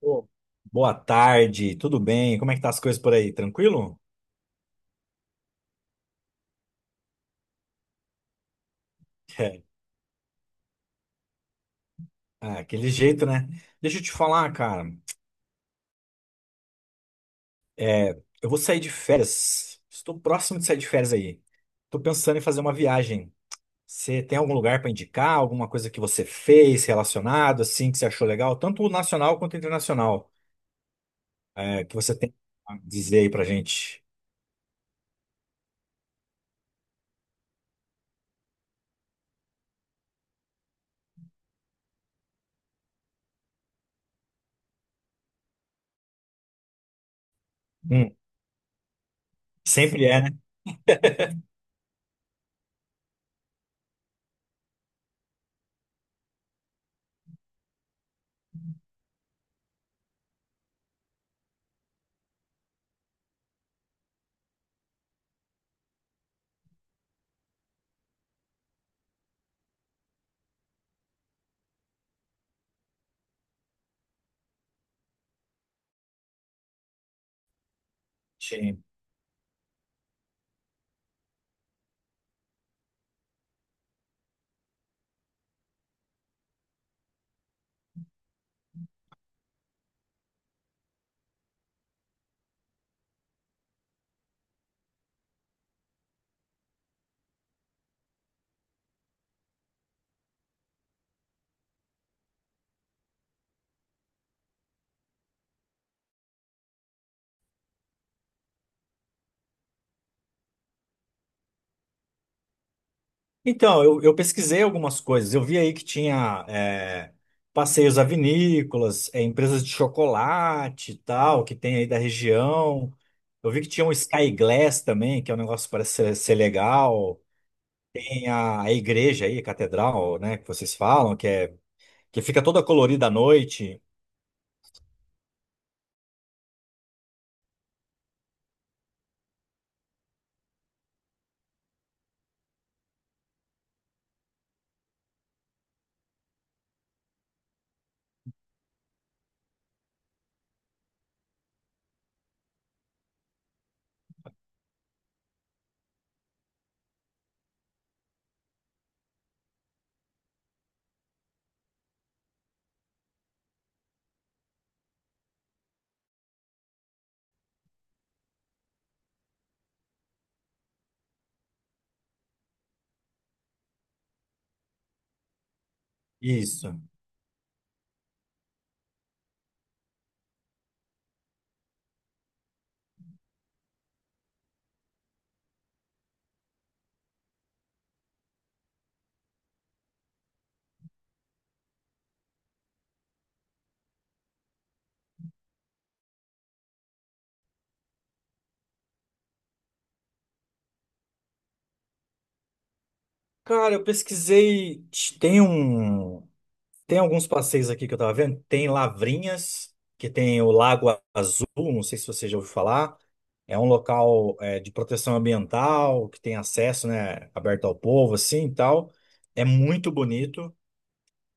Ô, boa tarde, tudo bem? Como é que tá as coisas por aí? Tranquilo? É, aquele jeito, né? Deixa eu te falar, cara. É, eu vou sair de férias. Estou próximo de sair de férias aí. Tô pensando em fazer uma viagem. Você tem algum lugar para indicar? Alguma coisa que você fez relacionado, assim, que você achou legal? Tanto nacional quanto internacional, que você tem a dizer aí pra gente. Hum, sempre é, né? Então, eu pesquisei algumas coisas. Eu vi aí que tinha passeios a vinícolas, é, empresas de chocolate e tal, que tem aí da região. Eu vi que tinha um Sky Glass também, que é um negócio que parece ser legal. Tem a igreja aí, a catedral, né, que vocês falam, que fica toda colorida à noite. Isso. Cara, eu pesquisei. Tem um. Tem alguns passeios aqui que eu tava vendo. Tem Lavrinhas, que tem o Lago Azul, não sei se você já ouviu falar. É um local de proteção ambiental, que tem acesso, né, aberto ao povo, assim, e tal. É muito bonito.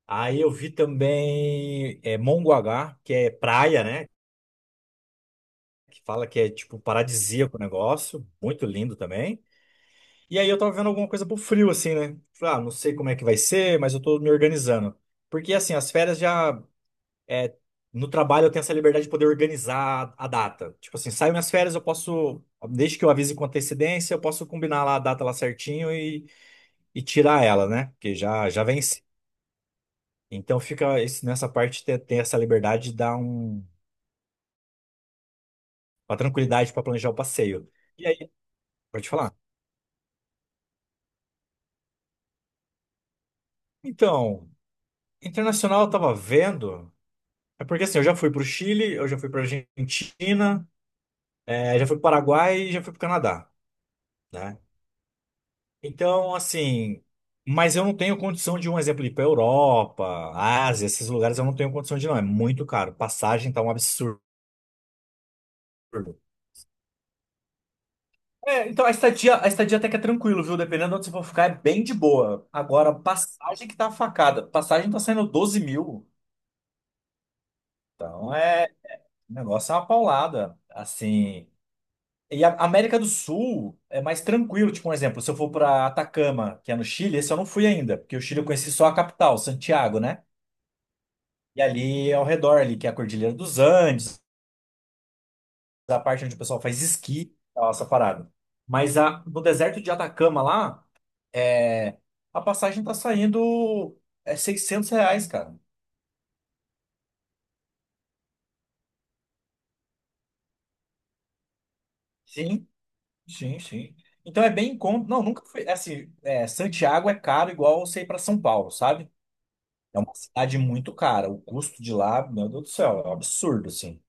Aí eu vi também Mongaguá, que é praia, né, que fala que é, tipo, paradisíaco o negócio. Muito lindo também. E aí eu tava vendo alguma coisa pro frio, assim, né? Falei: ah, não sei como é que vai ser, mas eu tô me organizando. Porque, assim, as férias já é, no trabalho eu tenho essa liberdade de poder organizar a data. Tipo assim, saio minhas férias, eu posso, desde que eu avise com antecedência, eu posso combinar lá a data lá certinho e tirar ela, né? Porque já, já vence. Então fica nessa parte ter essa liberdade de dar um, uma tranquilidade para planejar o passeio. E aí, pode falar? Então, internacional eu tava vendo. É porque assim, eu já fui pro Chile, eu já fui pra Argentina, é, já fui pro Paraguai e já fui pro Canadá. Né? Então, assim, mas eu não tenho condição de, um exemplo, ir para Europa, Ásia, esses lugares eu não tenho condição de ir, não. É muito caro. Passagem tá um absurdo. É, então a estadia até que é tranquilo, viu? Dependendo de onde você for ficar, é bem de boa. Agora, passagem que tá facada. Passagem tá saindo 12.000. Então é. O negócio é uma paulada. Assim. E a América do Sul é mais tranquilo. Tipo, um exemplo, se eu for pra Atacama, que é no Chile, esse eu não fui ainda, porque o Chile eu conheci só a capital, Santiago, né? E ali ao redor, ali, que é a Cordilheira dos Andes, a parte onde o pessoal faz esqui, tal, essa parada. Mas no deserto de Atacama lá, é, a passagem tá saindo R$ 600, cara. Sim, sim, sim. Então é bem em conta. Não, nunca foi. Assim, é, Santiago é caro igual você ir pra São Paulo, sabe? É uma cidade muito cara. O custo de lá, meu Deus do céu, é um absurdo, assim.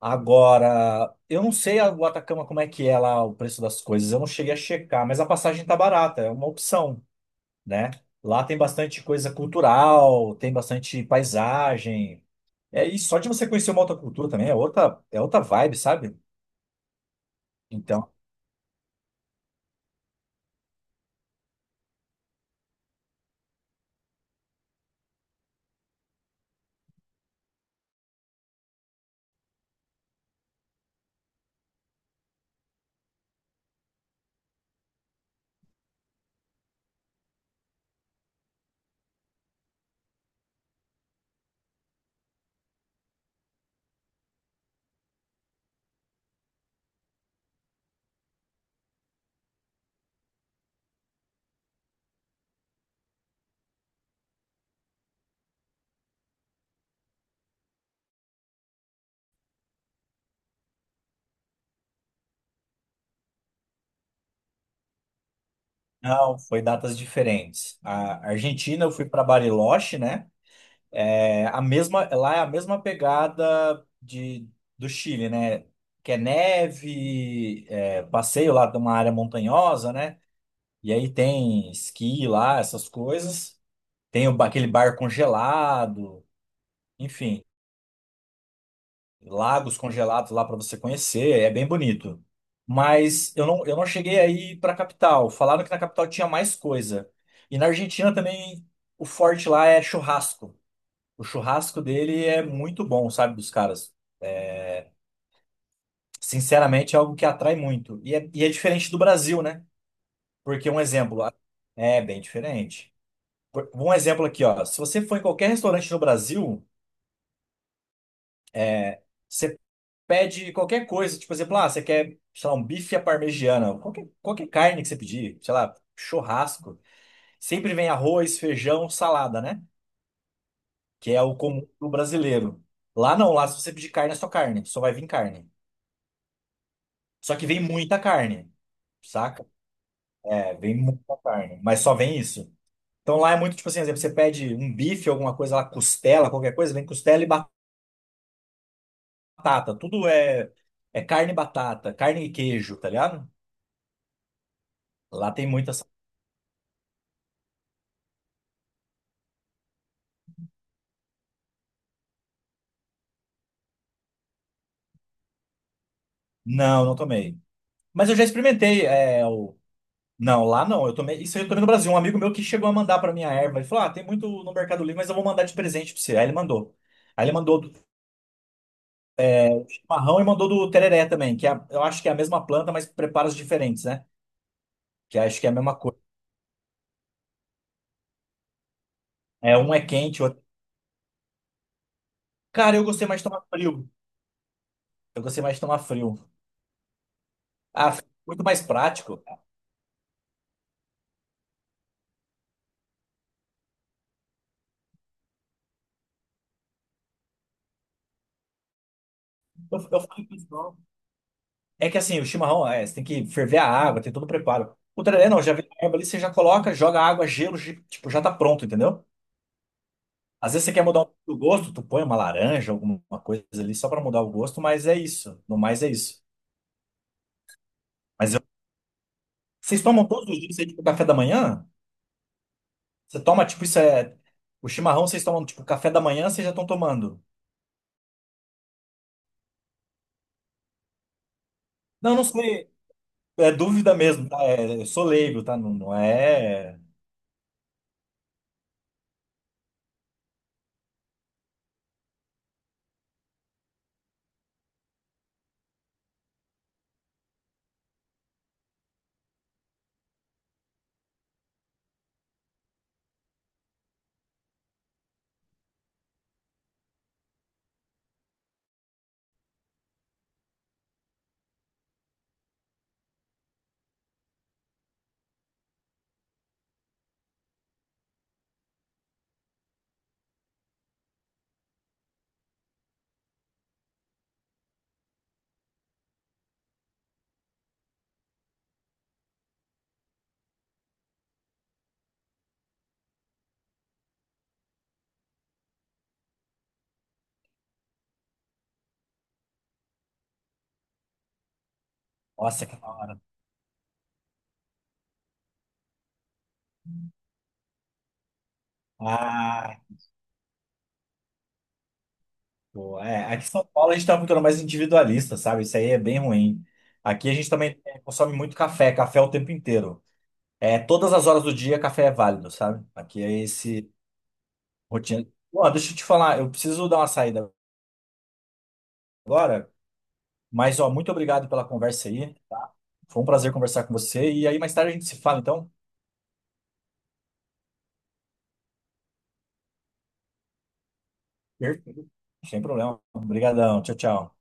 Agora, eu não sei o Atacama como é que é lá o preço das coisas, eu não cheguei a checar, mas a passagem tá barata, é uma opção, né? Lá tem bastante coisa cultural, tem bastante paisagem. É, e só de você conhecer uma outra cultura também é outra vibe, sabe? Então, não, foi datas diferentes. A Argentina eu fui para Bariloche, né? É a mesma, lá é a mesma pegada de, do Chile, né? Que é neve, é, passeio lá, tem uma área montanhosa, né? E aí tem esqui lá, essas coisas. Tem o aquele bar congelado, enfim, lagos congelados lá para você conhecer, é bem bonito. Mas eu não cheguei aí para a capital. Falaram que na capital tinha mais coisa. E na Argentina também o forte lá é churrasco. O churrasco dele é muito bom, sabe, dos caras. Sinceramente, é algo que atrai muito. E é diferente do Brasil, né? Porque um exemplo, é bem diferente. Um exemplo aqui, ó. Se você for em qualquer restaurante no Brasil, você pede qualquer coisa, tipo, por exemplo, ah, você quer, sei lá, um bife à parmegiana, qualquer carne que você pedir, sei lá, churrasco, sempre vem arroz, feijão, salada, né? Que é o comum do brasileiro. Lá não, lá se você pedir carne, é só carne, só vai vir carne. Só que vem muita carne, saca? É, vem muita carne, mas só vem isso. Então lá é muito tipo assim, por exemplo, você pede um bife, alguma coisa lá, costela, qualquer coisa, vem costela e batata. É carne e batata, carne e queijo, tá ligado? Lá tem muita. Não, não tomei. Mas eu já experimentei. Não, lá não. Eu tomei. Isso eu tomei no Brasil. Um amigo meu que chegou a mandar pra minha erva. Ele falou: ah, tem muito no Mercado Livre, mas eu vou mandar de presente pra você. Aí ele mandou. Aí ele mandou do chimarrão e mandou do tereré também, eu acho que é a mesma planta, mas preparos diferentes, né? Que acho que é a mesma coisa. É, um é quente, o outro. Cara, eu gostei mais de tomar frio. Eu gostei mais de tomar frio. Ah, fica muito mais prático. Eu falei pro pessoal, é que assim, o chimarrão, é, você tem que ferver a água, tem todo o preparo. O tererê não, já vem a erva ali, você já coloca, joga água, gelo, tipo, já tá pronto, entendeu? Às vezes você quer mudar um pouco do gosto, tu põe uma laranja, alguma coisa ali, só pra mudar o gosto, mas é isso. No mais é isso. Mas eu- vocês tomam todos os dias aí, tipo, café da manhã? Você toma, tipo, isso é. O chimarrão vocês tomam, tipo, café da manhã, vocês já estão tomando. Não, não sei. É dúvida mesmo, tá? É, eu sou leigo, tá? Não, não é. Nossa, que da hora. Ah. Pô, é, aqui em São Paulo a gente tem uma cultura mais individualista, sabe? Isso aí é bem ruim. Aqui a gente também é, consome muito café, café o tempo inteiro. É, todas as horas do dia café é válido, sabe? Aqui é esse rotina. Ó, deixa eu te falar, eu preciso dar uma saída agora, mas ó, muito obrigado pela conversa aí, tá? Foi um prazer conversar com você e aí mais tarde a gente se fala, então. Perfeito. Sem problema. Obrigadão. Tchau, tchau.